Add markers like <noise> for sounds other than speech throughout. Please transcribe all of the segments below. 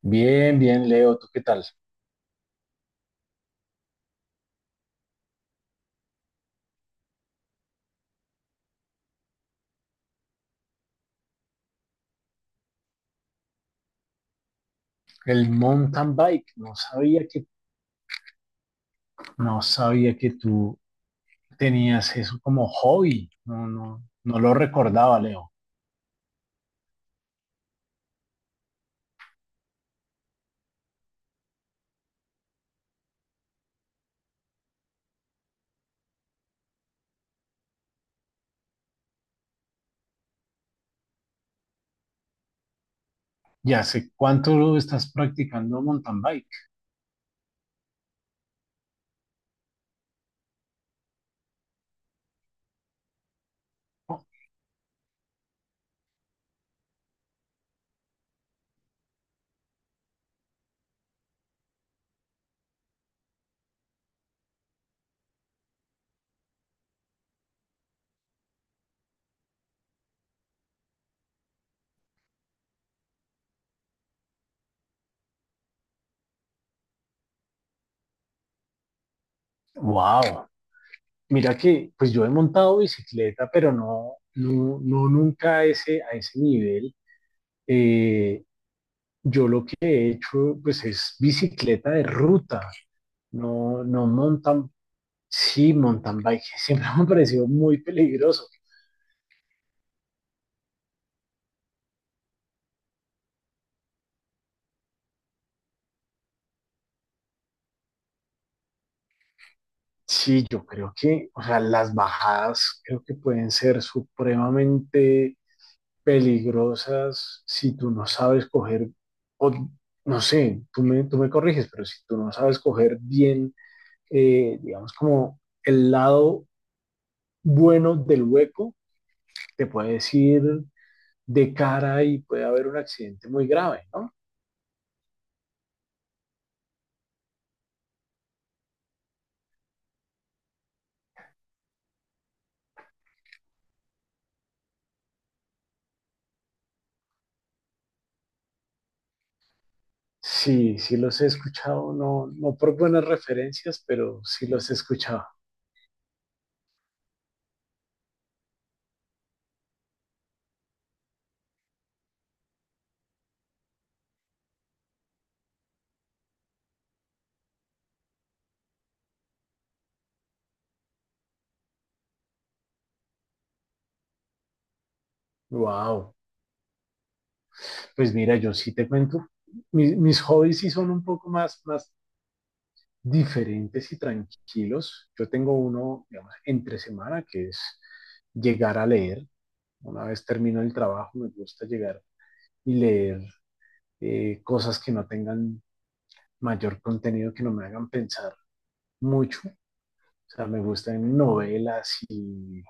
Bien, bien, Leo, ¿tú qué tal? El mountain bike, no sabía que tú tenías eso como hobby, no, no, no lo recordaba, Leo. ¿Y hace cuánto lo estás practicando mountain bike? Wow, mira que, pues yo he montado bicicleta, pero no nunca a ese nivel. Eh, yo lo que he hecho, pues es bicicleta de ruta, no mountain. Sí, mountain bike <laughs> siempre me ha parecido muy peligroso. Sí, yo creo que, o sea, las bajadas creo que pueden ser supremamente peligrosas si tú no sabes coger, o no sé, tú me corriges, pero si tú no sabes coger bien, digamos, como el lado bueno del hueco, te puedes ir de cara y puede haber un accidente muy grave, ¿no? Sí, sí los he escuchado, no, no por buenas referencias, pero sí los he escuchado. Wow. Pues mira, yo sí te cuento, mis hobbies sí son un poco más, más diferentes y tranquilos. Yo tengo uno, digamos, entre semana, que es llegar a leer. Una vez termino el trabajo, me gusta llegar y leer cosas que no tengan mayor contenido, que no me hagan pensar mucho. O sea, me gustan novelas y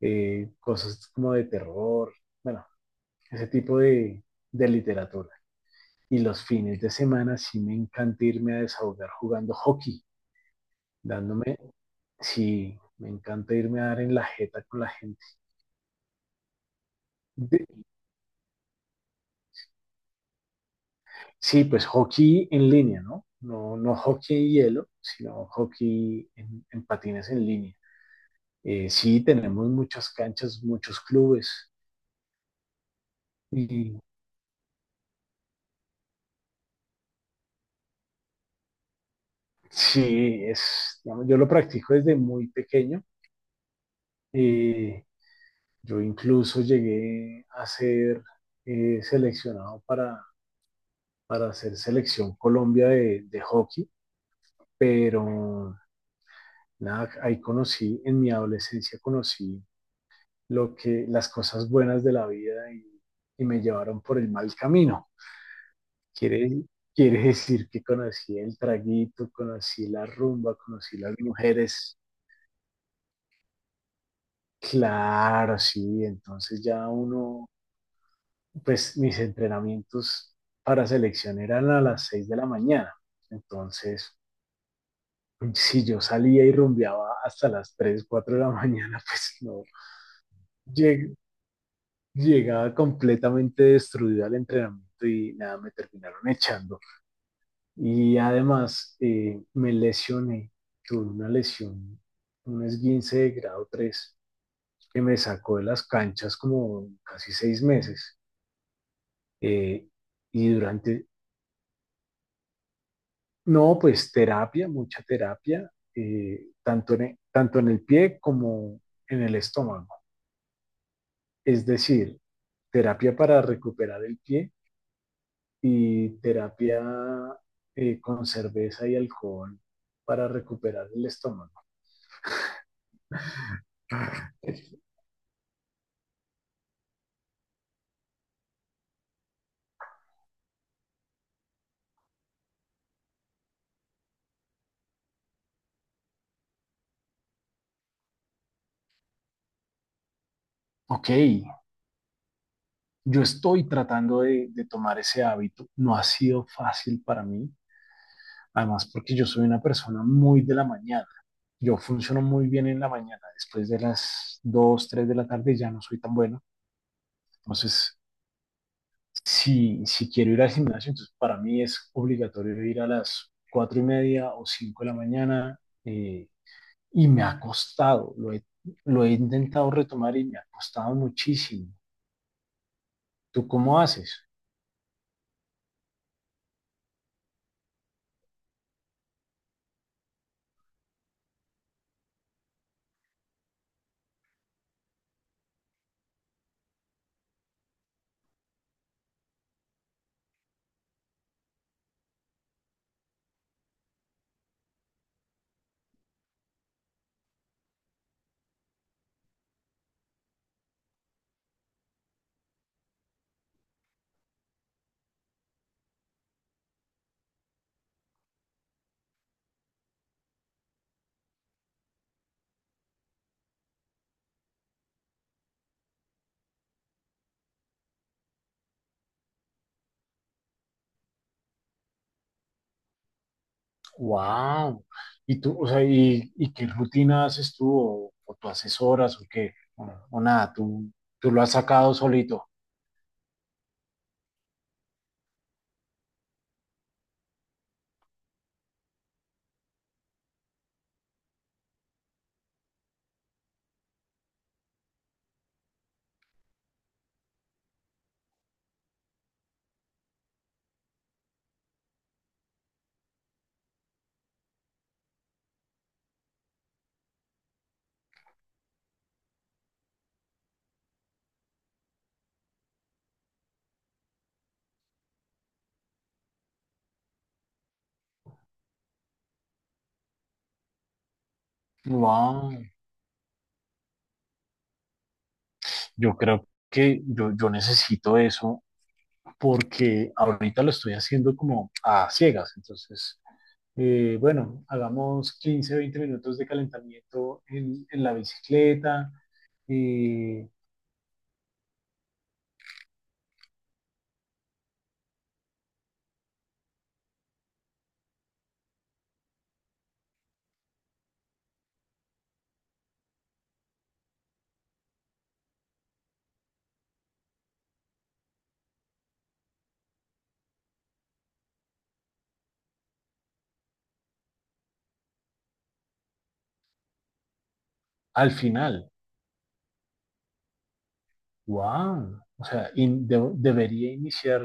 cosas como de terror, bueno, ese tipo de literatura. Y los fines de semana sí me encanta irme a desahogar jugando hockey, dándome, sí, me encanta irme a dar en la jeta con la gente. De- sí, pues hockey en línea, ¿no? No, no hockey en hielo, sino hockey en patines en línea. Sí, tenemos muchas canchas, muchos clubes. Y sí, es, digamos, yo lo practico desde muy pequeño. eh, Yo incluso llegué a ser seleccionado para hacer selección Colombia de hockey, pero nada, ahí conocí, en mi adolescencia conocí lo que, las cosas buenas de la vida y me llevaron por el mal camino. Quiere, quiere decir que conocí el traguito, conocí la rumba, conocí las mujeres. Claro, sí, entonces ya uno pues mis entrenamientos para selección eran a las 6 de la mañana. Entonces, si yo salía y rumbeaba hasta las 3 4 de la <laughs> mañana, pues no, lleg- llegaba completamente destruido al entrenamiento y nada, me terminaron echando. Y además me lesioné, tuve una lesión, un esguince de grado 3 que me sacó de las canchas como casi 6 meses. Eh, y durante No, pues terapia, mucha terapia, tanto en el pie como en el estómago. Es decir, terapia para recuperar el pie y terapia con cerveza y alcohol para recuperar el estómago. Ok, yo estoy tratando de tomar ese hábito. No ha sido fácil para mí, además porque yo soy una persona muy de la mañana. Yo funciono muy bien en la mañana. Después de las 2, 3 de la tarde ya no soy tan bueno. Entonces, si, si quiero ir al gimnasio, entonces para mí es obligatorio ir a las 4:30 o 5 de la mañana, eh, y me ha costado, lo he intentado retomar y me ha costado muchísimo. ¿Tú cómo haces? ¡Wow! ¿Y tú, o sea, y qué rutina haces tú o, tú haces horas o qué? O nada, tú lo has sacado solito. ¡Wow! Yo creo que yo necesito eso porque ahorita lo estoy haciendo como a ciegas. Entonces, bueno, hagamos 15 20 minutos de calentamiento en la bicicleta. Eh, Al final, wow, o sea, debería iniciar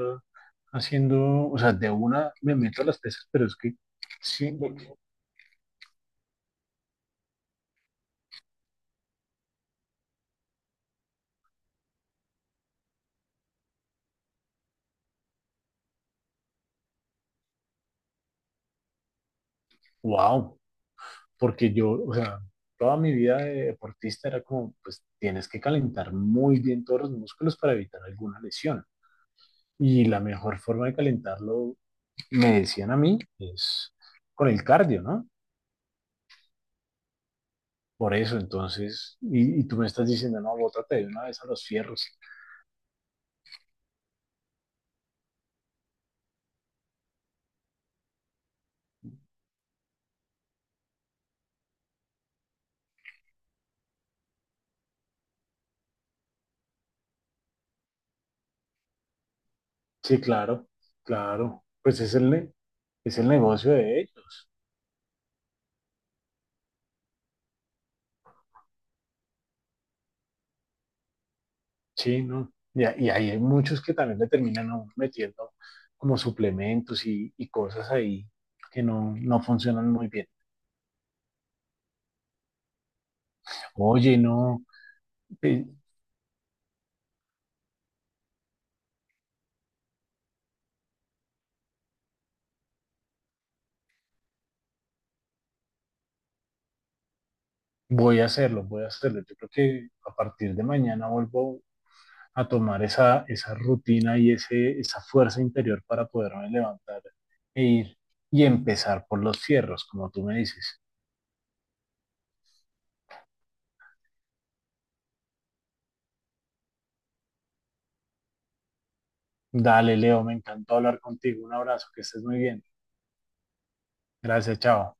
haciendo, o sea, de una me meto a las pesas, pero es que, sí, wow, porque yo, o sea, toda mi vida de deportista era como, pues tienes que calentar muy bien todos los músculos para evitar alguna lesión. Y la mejor forma de calentarlo, me decían a mí, es con el cardio, ¿no? Por eso, entonces, y tú me estás diciendo, no, bótate de una vez a los fierros. Sí, claro, claro, pues es el negocio de ellos. Sí, ¿no? Y ahí hay muchos que también le terminan a uno metiendo como suplementos y cosas ahí que no, no funcionan muy bien. Oye, no, eh, voy a hacerlo, voy a hacerlo. Yo creo que a partir de mañana vuelvo a tomar esa rutina y ese, esa fuerza interior para poderme levantar e ir y empezar por los cierros, como tú me dices. Dale, Leo, me encantó hablar contigo. Un abrazo, que estés muy bien. Gracias, chao.